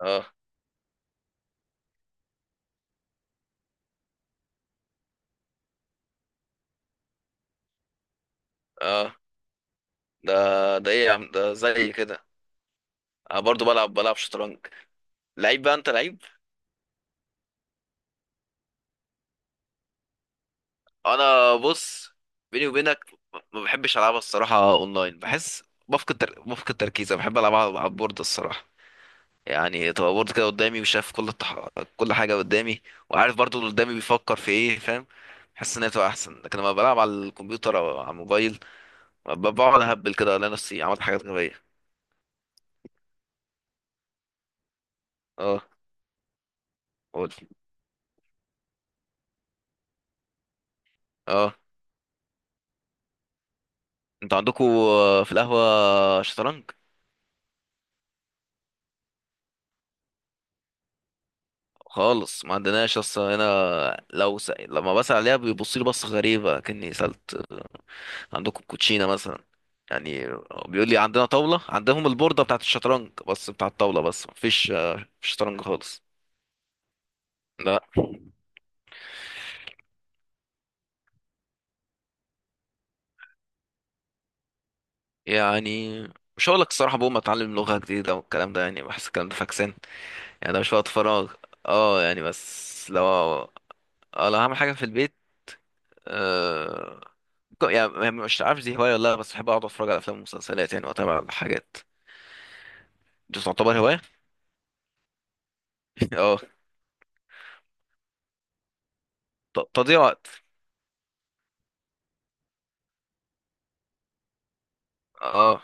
اه. اه. ده ده ايه يا عم، ده زي كده. انا برضو بلعب شطرنج. لعيب بقى، انت لعيب. انا بص، بيني وبينك، ما بحبش العبها الصراحه اونلاين، بحس بفقد بفقد تركيز. انا بحب العبها على البورد الصراحه. يعني تبقى بورد كده قدامي، وشايف كل كل حاجه قدامي، وعارف برضو اللي قدامي بيفكر في ايه، فاهم. بحس ان هي بتبقى احسن، لكن لما بلعب على الكمبيوتر او على الموبايل بقعد اهبل كده، الاقي نفسي عملت حاجات غبيه. اه. قول. اه. انتوا عندكوا في القهوة شطرنج؟ خالص، ما عندناش اصلا هنا. لو لما بسأل عليها بيبص لي بصة غريبة، كأني سألت عندكم كوتشينة مثلا. يعني بيقول لي عندنا طاولة، عندهم البوردة بتاعة الشطرنج بس، بتاعة الطاولة، بس مفيش شطرنج خالص. لا. يعني مش هقولك الصراحة، بقوم اتعلم لغة جديدة والكلام ده، يعني بحس الكلام ده فاكسان. يعني ده مش وقت فراغ. اه يعني، بس لو هعمل حاجة في البيت. آه، يعني مش عارف دي هواية ولا لا، بس بحب أقعد أتفرج على أفلام ومسلسلات يعني، وأتابع الحاجات دي. تعتبر هواية؟ اه. تضييع وقت. اه.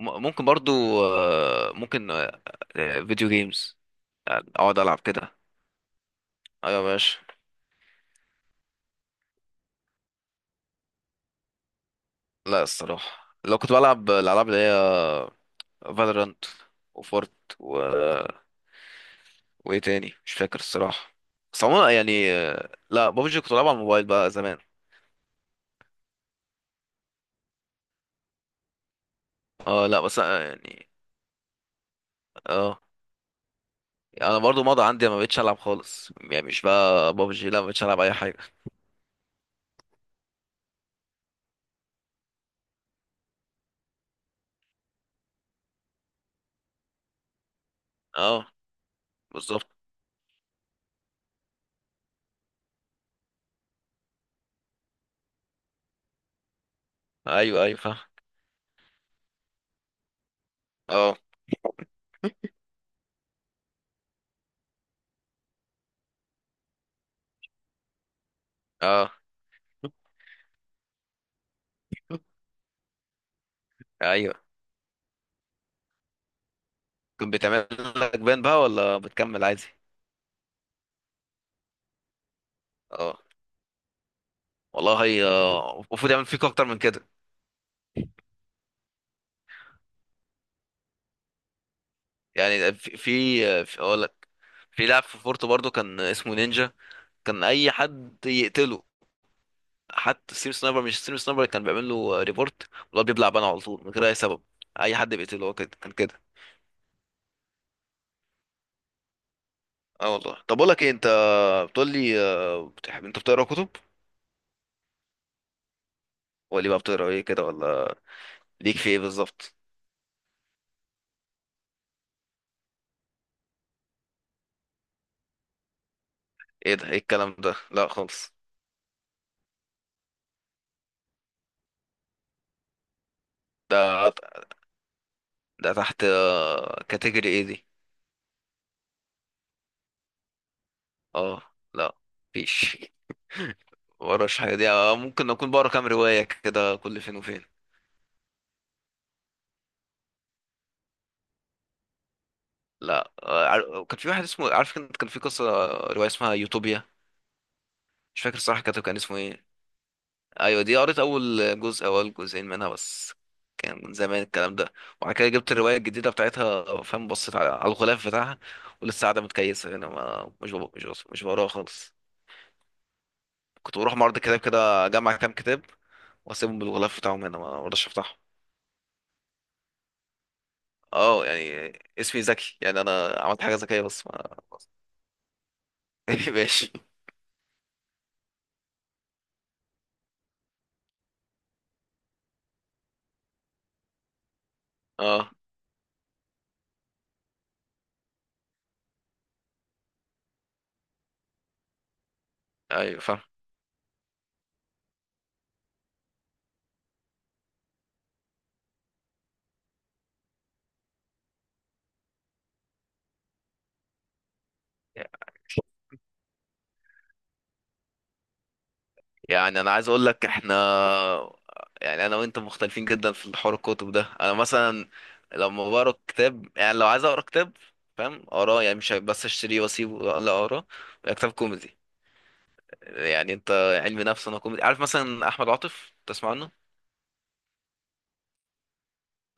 ممكن برضو، ممكن، فيديو جيمز، يعني أقعد ألعب كده. أيوة يا باشا. لا الصراحة، لو كنت بلعب الألعاب اللي هي فالورانت، وفورت، و... وإيه تاني مش فاكر الصراحة. بس عموما يعني، لا بابجي كنت بلعبها على الموبايل بقى زمان. اه لا، بس يعني، اه، انا برضو ماضي عندي، ما بقتش العب خالص، يعني مش بقى بابجي، لا، ما بقتش العب اي حاجه. اه بالظبط. ايوه ايوه فاهم. اه. اه. ايوه. كنت بتعمل لك بان بقى، ولا بتكمل عادي؟ اه والله. هي المفروض يعمل فيك اكتر من كده. يعني اقول لك، في لاعب في فورتو برضو كان اسمه نينجا، كان اي حد يقتله، حتى ستيم سنايبر، مش ستيم سنايبر كان بيعمل له ريبورت والله، بيبلع بان على طول من غير اي سبب. اي حد بيقتله هو كده كان كده. اه والله. طب اقول لك ايه انت، بتقول لي بتحب انت بتقرا كتب، ولا بقى بتقرا ايه كده، ولا؟ ليك في ايه بالظبط؟ ايه ده، ايه الكلام ده، لا خالص. ده ده تحت كاتيجوري ايه دي؟ اه. لا. مفيش. مبقراش حاجه دي. ممكن اكون بقرا كام روايه كده كل فين وفين. لا. كان في واحد اسمه عارف، كان كان في قصه آه، روايه اسمها يوتوبيا. مش فاكر الصراحه، كاتب كان اسمه ايه. ايوه دي، قريت اول جزء او اول جزئين منها بس، كان من زمان الكلام ده. وبعد كده جبت الروايه الجديده بتاعتها، فاهم، بصيت على الغلاف بتاعها، ولسه قاعده متكيسه. انا ما مش بب- مش بص- مش بقراها خالص. كنت بروح معرض الكتاب كده، اجمع كام كتاب، واسيبهم بالغلاف بتاعهم هنا، ما برضاش افتحهم. اه يعني اسمي ذكي، يعني انا عملت حاجه ذكيه بس ما. ماشي. اه ايوه فاهم. يعني انا عايز اقول لك، احنا، يعني انا وانت مختلفين جدا في حوار الكتب ده. انا مثلا، لما بقرا كتاب، يعني لو عايز اقرا كتاب، فاهم، اقراه. يعني مش بس اشتريه واسيبه، لا اقراه. كتاب كوميدي يعني. انت علم نفس، انا كوميدي. عارف مثلا احمد عاطف، تسمع عنه؟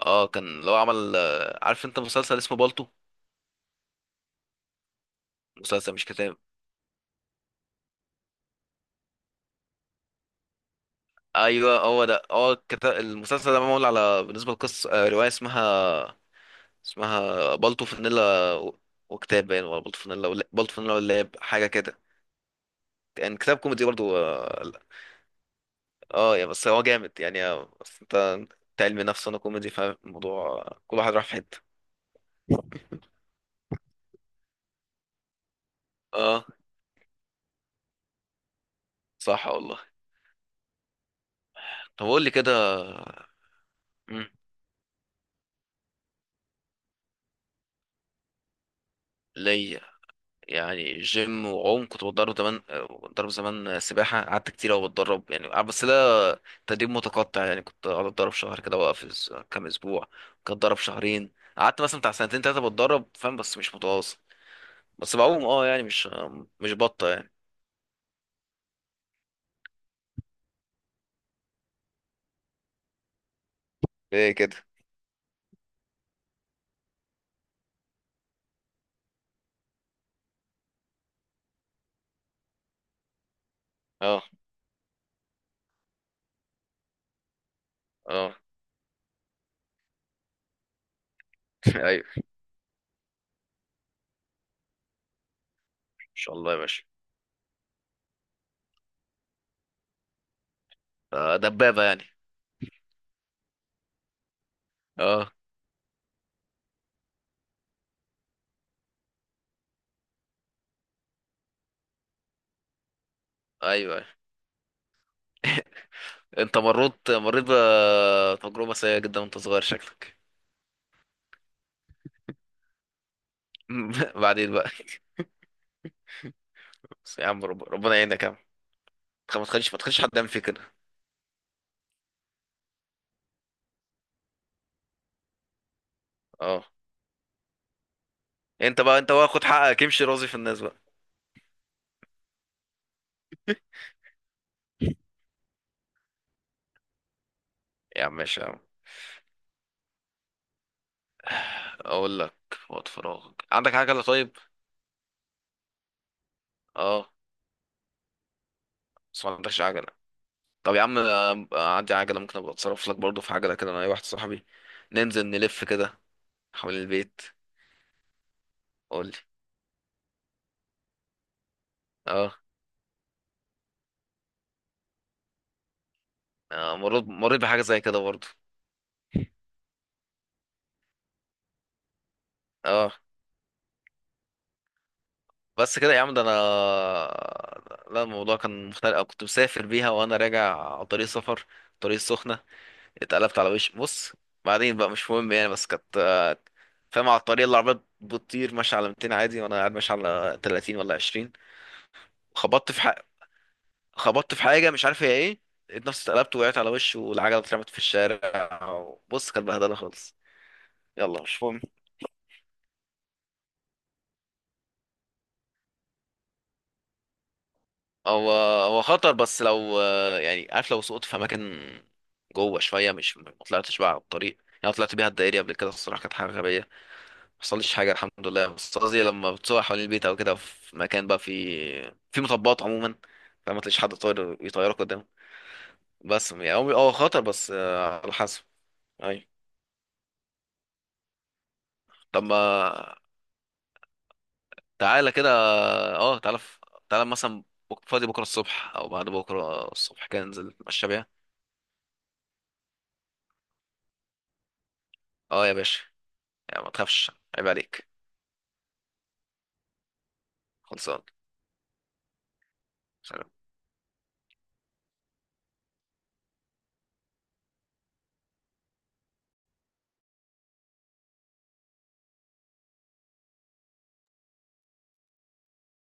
اه. كان لو عمل، عارف انت مسلسل اسمه بالطو؟ مسلسل مش كتاب. ايوه، هو ده، هو كتاب، المسلسل ده معمول على، بالنسبه لقصه، روايه اسمها، اسمها بالطو فانيلا وكتاب باين، ولا بالطو فانيلا، ولا بالطو فانيلا واللاب، حاجه كده، يعني كتاب كوميدي برضو. اه لا. يا بس هو جامد يعني. بس انت، انت علمي نفس انا كوميدي، فالموضوع كل واحد راح في حته. اه صح والله. طب قول لي كده. مم، ليا. يعني جيم وعوم كنت بتدرب زمان، بتدرب زمان سباحة، قعدت كتير أوي بتدرب يعني، بس ده تدريب متقطع. يعني كنت قعدت أتدرب شهر كده وأقف كام أسبوع، كنت أتدرب شهرين، قعدت مثلا بتاع سنتين تلاتة بتدرب، فاهم، بس مش متواصل. بس بعوم اه، يعني مش، مش بطة يعني. ايه كده. اه. اه. ايوه. ان شاء الله يا باشا. دبابة يعني. اه. ايوه. أيوة. انت مريت بتجربة سيئة جدا وانت صغير شكلك. بعدين بقى. بس يا عم، ربنا يعينك يا عم. ما تخليش حد يعمل فيك كده. اه. انت بقى خد حقك، امشي راضي في الناس بقى. يا عم ماشي يا عم. اقول لك، وقت فراغك عندك عجله؟ طيب. اه، بس ما عندكش عجله. طب يا عم، عندي عجله، ممكن ابقى اتصرف لك برضه في عجله كده، انا اي واحد صاحبي. ننزل نلف كده حوالين البيت. قول لي. اه. مريت بحاجه زي كده برضه. اه، بس كده يا عم، ده انا. لا الموضوع كان مختلف، أو كنت مسافر بيها وانا راجع على طريق سفر، طريق السخنه، اتقلبت على وشي بص. بعدين بقى مش مهم يعني، بس كانت فاهم، على الطريق اللي العربية بتطير ماشية على 200 عادي، وانا قاعد ماشي على 30 ولا 20، خبطت في حاجة خبطت في حاجة مش عارف هي ايه. لقيت نفسي اتقلبت، وقعت على وشي، والعجلة اترمت في الشارع، بص كانت بهدلة خالص. يلا مش مهم. هو هو خطر، بس لو يعني عارف، لو سقطت في اماكن جوه شوية، مش ما طلعتش بقى على الطريق. يعني أنا طلعت بيها الدائري قبل كده الصراحة، كانت حاجة غبية، حصلش حاجة الحمد لله. بس قصدي لما بتسوق حوالين البيت أو كده في مكان بقى، في مطبات عموما، فما تلاقيش حد طاير يطيرك قدام. بس يعني هو خطر، بس على حسب. أي. طب ما تعالى كده. اه، تعالى مثلا، فاضي بكرة الصبح أو بعد بكرة الصبح كده، ننزل نتمشى بيها. اه يا باشا، يعني ما تخافش، عيب عليك. خلصان. سلام.